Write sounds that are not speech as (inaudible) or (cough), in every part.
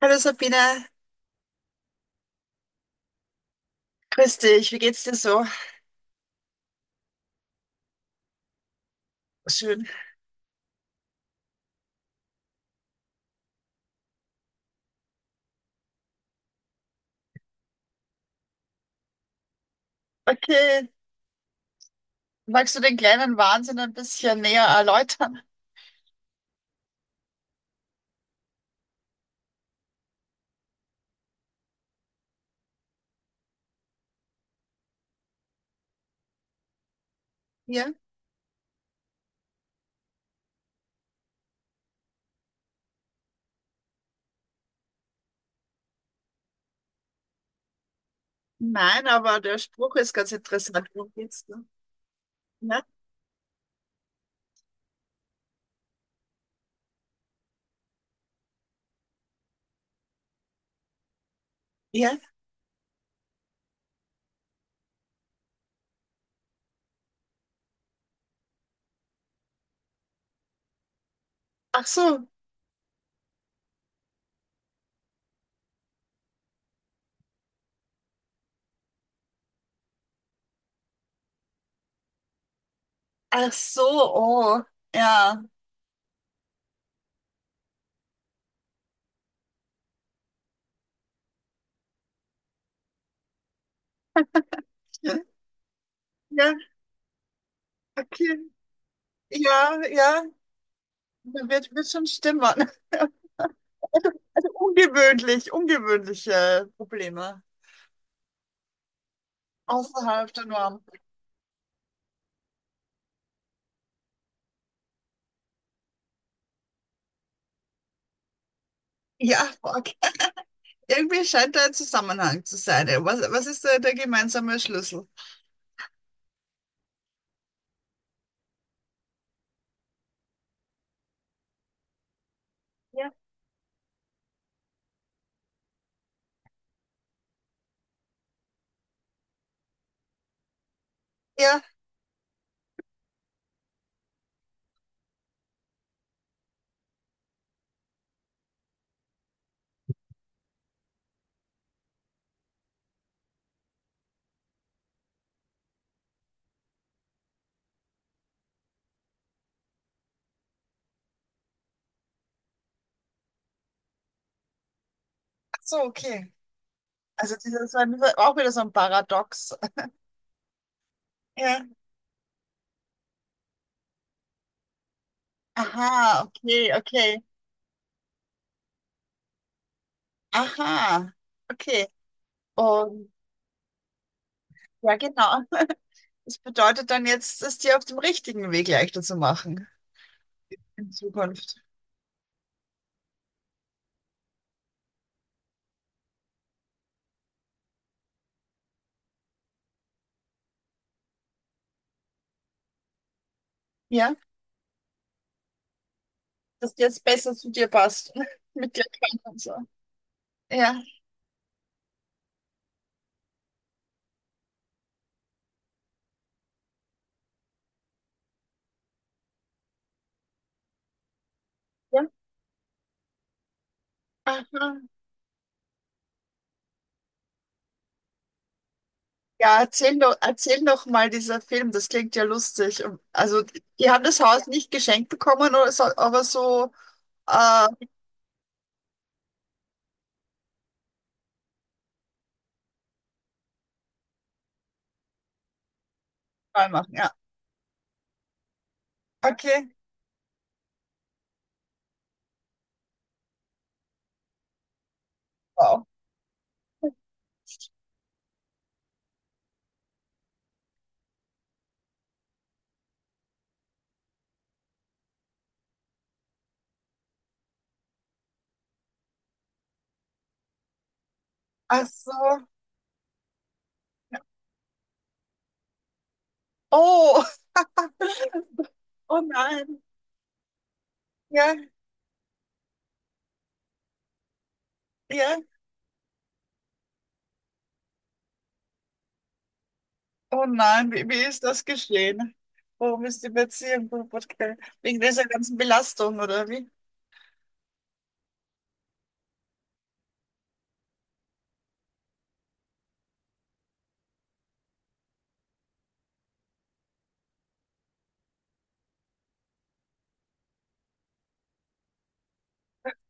Hallo Sabine, grüß dich, wie geht's dir so? Schön. Okay, magst du den kleinen Wahnsinn ein bisschen näher erläutern? Ja? Nein, aber der Spruch ist ganz interessant. Worum geht's denn? Ja? Ja? Ach so, ach so, oh, ja. Ja, ja, okay. Ja, ja, da wird schon stimmen. (laughs) Also ungewöhnlich, ungewöhnliche Probleme außerhalb der Norm. Ja, okay. Irgendwie scheint da ein Zusammenhang zu sein. Was ist da der gemeinsame Schlüssel? Ja. Ja, ach so, okay. Also dieses war wieder- auch wieder so ein Paradox. Ja. Aha, okay, okay. Aha, okay. Und ja, genau. Das bedeutet dann jetzt, es dir auf dem richtigen Weg leichter zu machen in Zukunft. Ja, dass dir jetzt besser zu dir passt. (laughs) Mit dir kann und so. Ja. Ja. Aha. Ja, erzähl doch mal dieser Film, das klingt ja lustig. Und- Also, die haben das Haus nicht geschenkt bekommen, oder so, aber so äh, neu machen. Ja. Okay. Wow. Ach so. Oh, oh nein. Ja, ja. Oh nein, wie ist das geschehen? Warum ist die Beziehung kaputt gegangen? Wegen dieser ganzen Belastung, oder wie?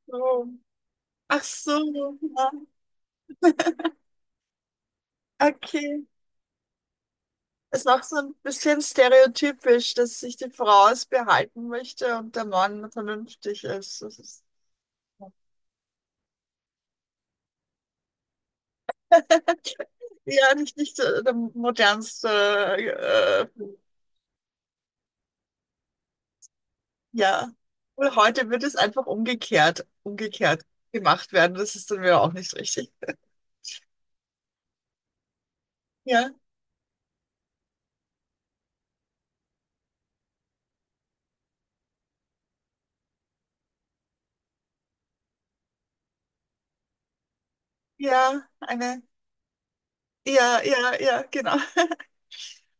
So. Ach so. Ja. Okay. Ist auch so ein bisschen stereotypisch, dass sich die Frau es behalten möchte und der Mann vernünftig ist. Das ist ja nicht, nicht so der modernste, äh, ja. Und heute wird es einfach umgekehrt, umgekehrt gemacht werden. Das ist dann wieder auch nicht richtig. Ja, ja, eine, ja, ja, ja, genau.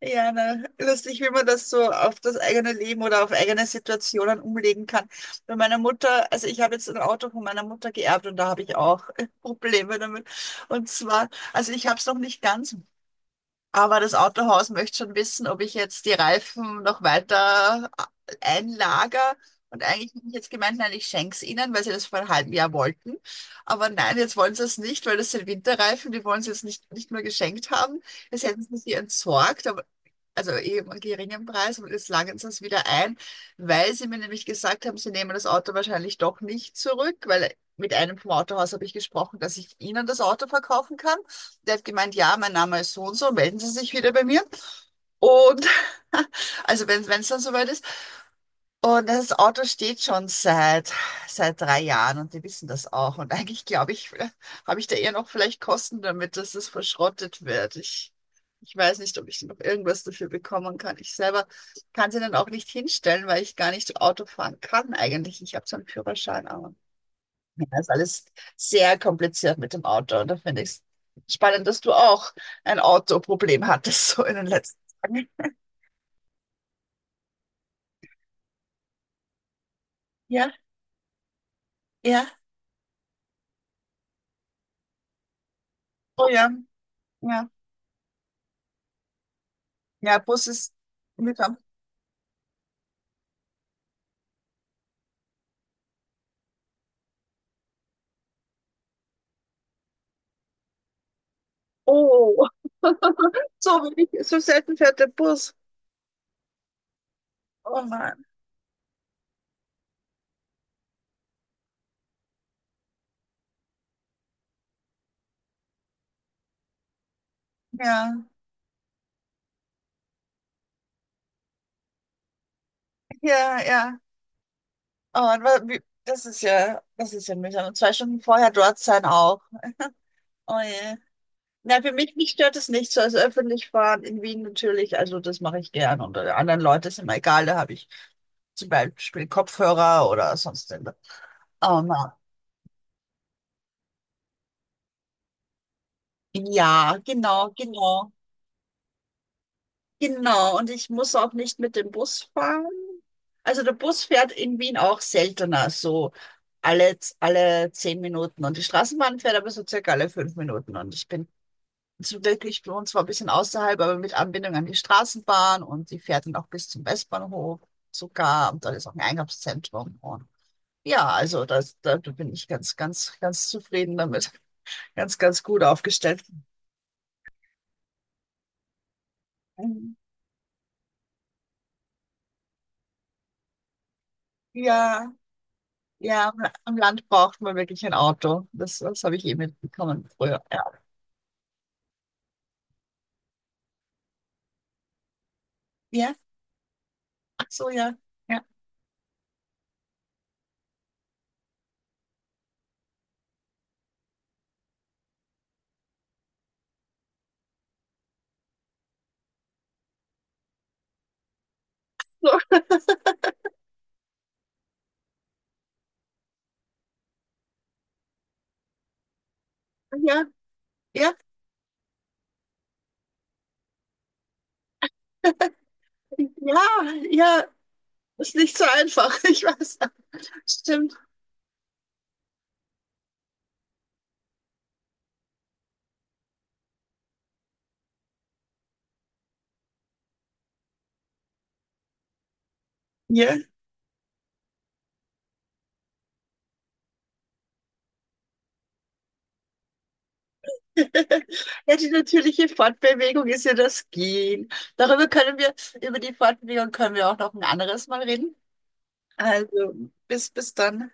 Ja, ne? Lustig, wie man das so auf das eigene Leben oder auf eigene Situationen umlegen kann. Bei meiner Mutter, also ich habe jetzt ein Auto von meiner Mutter geerbt und da habe ich auch (laughs) Probleme damit. Und zwar, also ich habe es noch nicht ganz, aber das Autohaus möchte schon wissen, ob ich jetzt die Reifen noch weiter einlager. Und eigentlich bin ich jetzt gemeint, nein, ich schenke es ihnen, weil sie das vor einem halben Jahr wollten. Aber nein, jetzt wollen sie es nicht, weil das sind Winterreifen, die wollen sie jetzt nicht, nicht mehr geschenkt haben. Das hätten sie sie entsorgt, aber also eben einen geringen Preis und jetzt langen sie es wieder ein, weil sie mir nämlich gesagt haben, sie nehmen das Auto wahrscheinlich doch nicht zurück, weil mit einem vom Autohaus habe ich gesprochen, dass ich ihnen das Auto verkaufen kann. Der hat gemeint, ja, mein Name ist so und so, melden Sie sich wieder bei mir. Und (laughs) also wenn es dann soweit ist, und das Auto steht schon seit 3 Jahren und die wissen das auch. Und eigentlich glaube ich, (laughs) habe ich da eher noch vielleicht Kosten damit, dass es verschrottet wird. Ich weiß nicht, ob ich noch irgendwas dafür bekommen kann. Ich selber kann sie dann auch nicht hinstellen, weil ich gar nicht Auto fahren kann eigentlich. Ich habe so einen Führerschein, aber ja, ist alles sehr kompliziert mit dem Auto. Und da finde ich es spannend, dass du auch ein Autoproblem hattest, so in den letzten Tagen. Ja, ja, oh ja, ja. Ja, Bus ist. Mit. Oh, so wenig, so selten fährt der Bus. Oh Mann, ja, ja, ja. Oh Mann, wa- wie- das ist ja mühsam. Und 2 Stunden vorher dort sein auch. Oh je. Na, für mich, mich stört es nicht so. Also öffentlich fahren in Wien natürlich, also das mache ich gern. Und anderen Leuten ist immer egal, da habe ich zum Beispiel Kopfhörer oder sonst. Irgendwas. Oh Mann. Ja, genau, genau. Genau, und ich muss auch nicht mit dem Bus fahren. Also der Bus fährt in Wien auch seltener, so alle 10 Minuten. Und die Straßenbahn fährt aber so circa alle 5 Minuten. Und ich bin so wirklich bei uns zwar ein bisschen außerhalb, aber mit Anbindung an die Straßenbahn und die fährt dann auch bis zum Westbahnhof sogar. Und da ist auch ein Einkaufszentrum. Und ja, also das, da bin ich ganz, ganz, ganz zufrieden damit. (laughs) Ganz, ganz gut aufgestellt. Ja. Ja, am La- am Land braucht man wirklich ein Auto. Das habe ich eh mitbekommen früher. Ja. Ja. Ach so, ja. Ja. So, ja, ja, ja, ja. Ist nicht so einfach, (laughs) ich weiß. Stimmt. Ja. (laughs) Ja, die natürliche Fortbewegung ist ja das Gehen. Darüber können wir, über die Fortbewegung können wir auch noch ein anderes Mal reden. Also, bis dann.